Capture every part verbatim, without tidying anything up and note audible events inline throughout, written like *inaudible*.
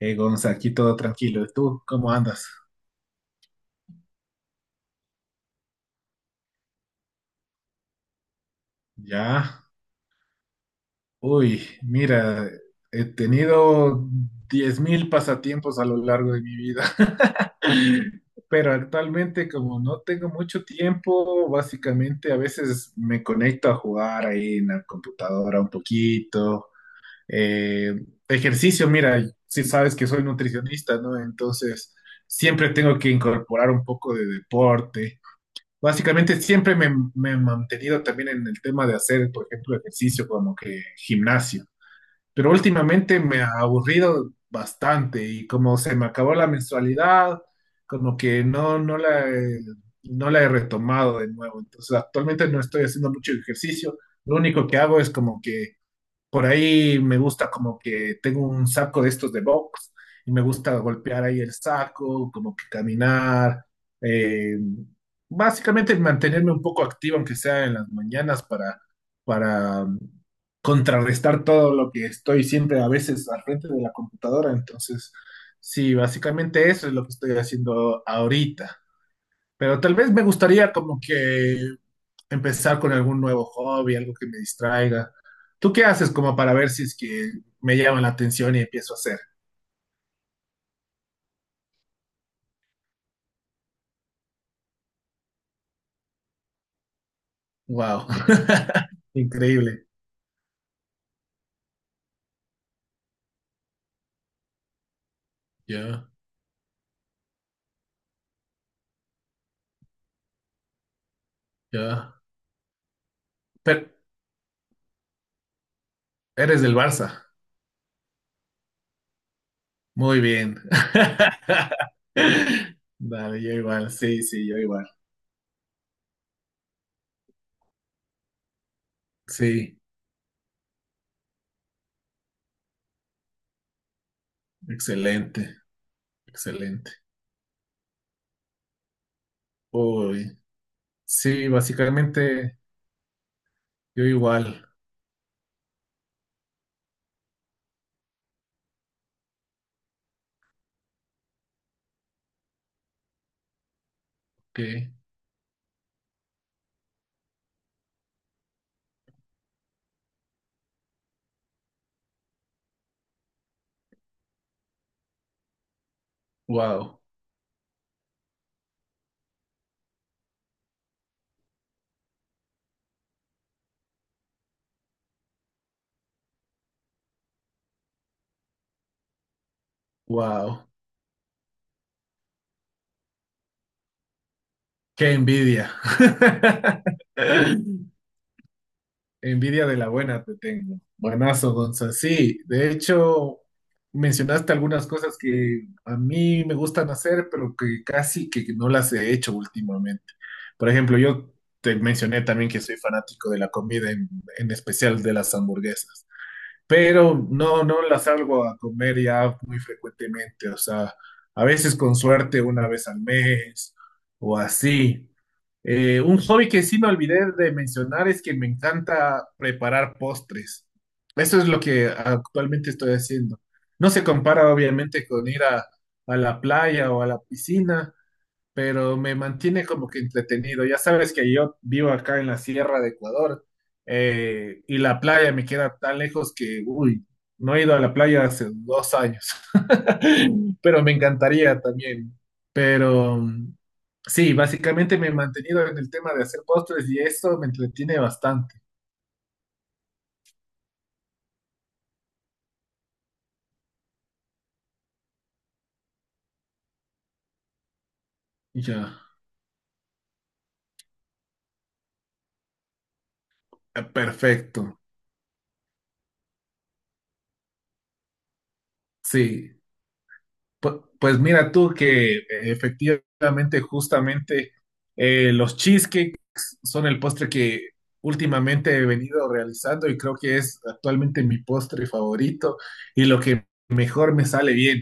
Eh, Gonza, aquí todo tranquilo. ¿Y tú cómo andas? Ya. Uy, mira, he tenido diez mil pasatiempos a lo largo de mi vida, *laughs* pero actualmente como no tengo mucho tiempo, básicamente a veces me conecto a jugar ahí en la computadora un poquito. Eh, ejercicio, mira, si sabes que soy nutricionista, ¿no? Entonces siempre tengo que incorporar un poco de deporte. Básicamente siempre me, me he mantenido también en el tema de hacer, por ejemplo, ejercicio como que gimnasio, pero últimamente me ha aburrido bastante y como se me acabó la mensualidad, como que no, no la he, no la he retomado de nuevo. Entonces actualmente no estoy haciendo mucho ejercicio, lo único que hago es como que por ahí me gusta como que tengo un saco de estos de box y me gusta golpear ahí el saco, como que caminar, eh, básicamente mantenerme un poco activo, aunque sea en las mañanas, para, para um, contrarrestar todo lo que estoy siempre a veces al frente de la computadora. Entonces, sí, básicamente eso es lo que estoy haciendo ahorita. Pero tal vez me gustaría como que empezar con algún nuevo hobby, algo que me distraiga. ¿Tú qué haces como para ver si es que me llama la atención y empiezo a hacer? Wow, *laughs* increíble. Ya, ya. Pero eres del Barça. Muy bien. *laughs* Dale, yo igual. Sí, sí, yo igual. Sí, excelente, excelente. Uy, sí, básicamente yo igual. Ok, wow, wow. Qué envidia. *laughs* Envidia de la buena te tengo. Buenazo, Gonza. Sí, de hecho, mencionaste algunas cosas que a mí me gustan hacer, pero que casi que no las he hecho últimamente. Por ejemplo, yo te mencioné también que soy fanático de la comida, en, en especial de las hamburguesas, pero no, no las salgo a comer ya muy frecuentemente. O sea, a veces con suerte una vez al mes o así. Eh, un hobby que sí me olvidé de mencionar es que me encanta preparar postres. Eso es lo que actualmente estoy haciendo. No se compara obviamente con ir a, a la playa o a la piscina, pero me mantiene como que entretenido. Ya sabes que yo vivo acá en la Sierra de Ecuador eh, y la playa me queda tan lejos que, uy, no he ido a la playa hace dos años, *laughs* pero me encantaría también. Pero mm, sí, básicamente me he mantenido en el tema de hacer postres y eso me entretiene bastante. Ya, eh, perfecto. Sí. Pu- Pues mira tú que eh, efectivamente, justamente, eh, los cheesecakes son el postre que últimamente he venido realizando y creo que es actualmente mi postre favorito y lo que mejor me sale bien.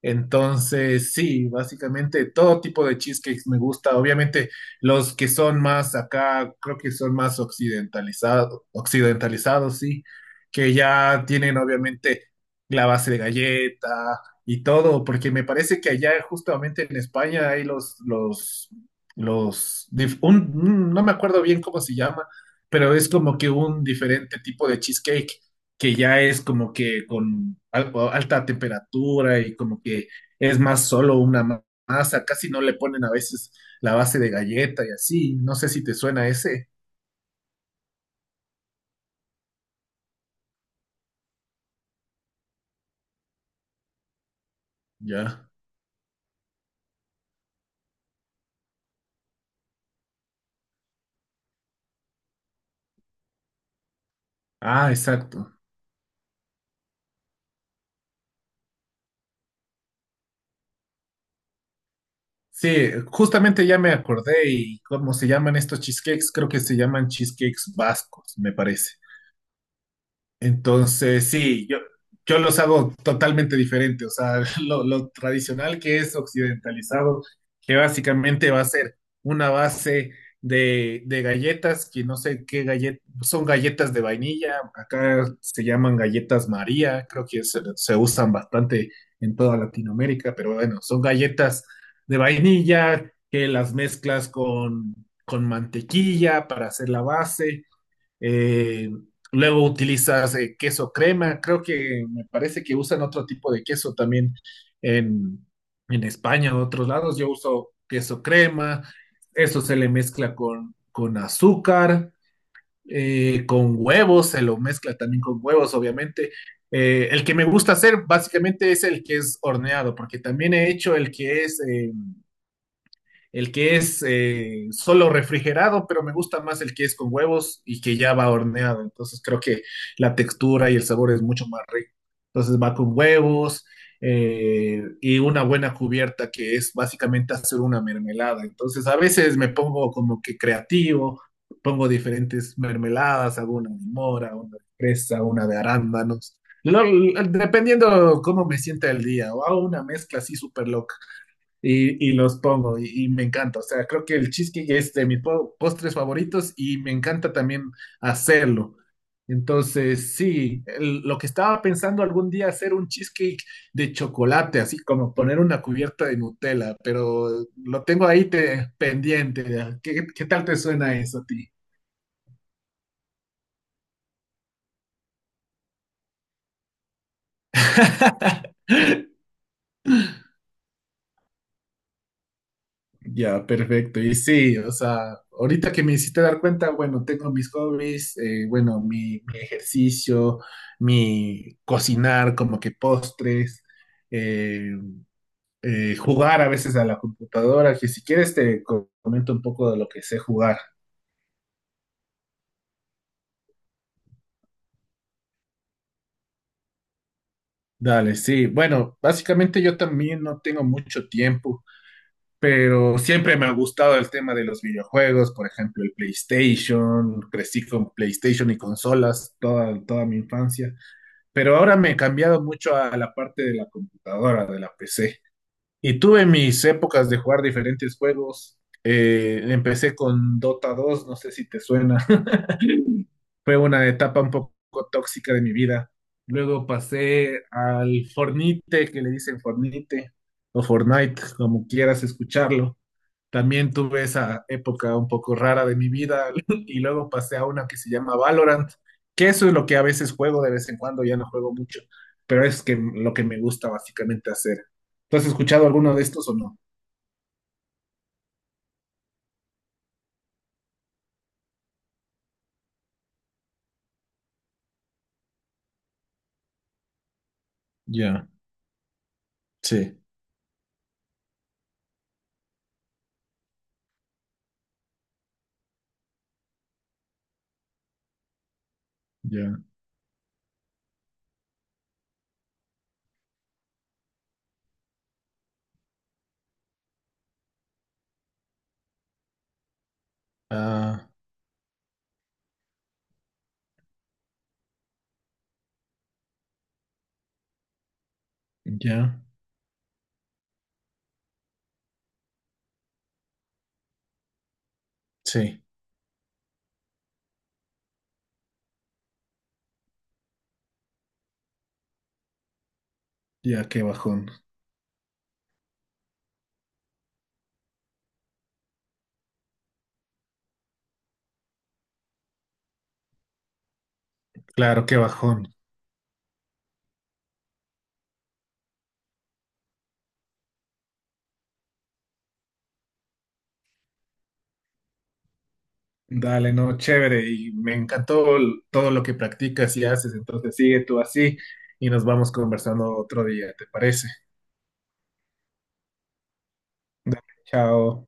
Entonces, sí, básicamente todo tipo de cheesecakes me gusta. Obviamente, los que son más acá, creo que son más occidentalizados, occidentalizados, sí, que ya tienen obviamente la base de galleta y todo, porque me parece que allá justamente en España hay los, los, los, dif- un- un- no me acuerdo bien cómo se llama, pero es como que un diferente tipo de cheesecake que ya es como que con al- alta temperatura y como que es más solo una ma- masa, casi no le ponen a veces la base de galleta y así. No sé si te suena ese. Ya. Ah, exacto. Sí, justamente ya me acordé y cómo se llaman estos cheesecakes, creo que se llaman cheesecakes vascos, me parece. Entonces, sí, yo, yo los hago totalmente diferente. O sea, *laughs* lo, lo tradicional que es occidentalizado, que básicamente va a ser una base de, de galletas, que no sé qué galletas, son galletas de vainilla, acá se llaman galletas María, creo que se, se usan bastante en toda Latinoamérica, pero bueno, son galletas de vainilla que las mezclas con, con mantequilla para hacer la base eh, luego utilizas eh, queso crema, creo que me parece que usan otro tipo de queso también en, en España, o otros lados. Yo uso queso crema, eso se le mezcla con, con azúcar, eh, con huevos, se lo mezcla también con huevos, obviamente. Eh, el que me gusta hacer básicamente es el que es horneado, porque también he hecho el que es... eh, El que es eh, solo refrigerado, pero me gusta más el que es con huevos y que ya va horneado. Entonces creo que la textura y el sabor es mucho más rico. Entonces va con huevos eh, y una buena cubierta que es básicamente hacer una mermelada. Entonces a veces me pongo como que creativo, pongo diferentes mermeladas, hago una de mora, una de fresa, una de arándanos. Lo- dependiendo cómo me sienta el día, o hago una mezcla así súper loca y, y los pongo y, y me encanta. O sea, creo que el cheesecake es de mis po- postres favoritos y me encanta también hacerlo. Entonces, sí, el- lo que estaba pensando algún día hacer un cheesecake de chocolate, así como poner una cubierta de Nutella, pero lo tengo ahí te- pendiente. ¿Qué, qué tal te suena eso a ti? *laughs* Ya, perfecto. Y sí, o sea, ahorita que me hiciste dar cuenta, bueno, tengo mis hobbies, eh, bueno, mi, mi ejercicio, mi cocinar como que postres, eh, eh, jugar a veces a la computadora, que si quieres te co- comento un poco de lo que sé jugar. Dale, sí. Bueno, básicamente yo también no tengo mucho tiempo. Pero siempre me ha gustado el tema de los videojuegos, por ejemplo, el PlayStation, crecí con PlayStation y consolas toda, toda mi infancia, pero ahora me he cambiado mucho a la parte de la computadora, de la P C. Y tuve mis épocas de jugar diferentes juegos. Eh, empecé con Dota dos, no sé si te suena. *laughs* Fue una etapa un poco tóxica de mi vida. Luego pasé al Fornite, que le dicen Fornite, o Fortnite, como quieras escucharlo. También tuve esa época un poco rara de mi vida *laughs* y luego pasé a una que se llama Valorant, que eso es lo que a veces juego de vez en cuando, ya no juego mucho, pero es que lo que me gusta básicamente hacer. ¿Tú has escuchado alguno de estos o no? Ya, sí, ya, ah, ya, sí. Ya, qué bajón. Claro, qué bajón. Dale, no, chévere. Y me encantó el- todo lo que practicas y haces. Entonces sigue tú así y nos vamos conversando otro día, ¿te parece? Dale, chao.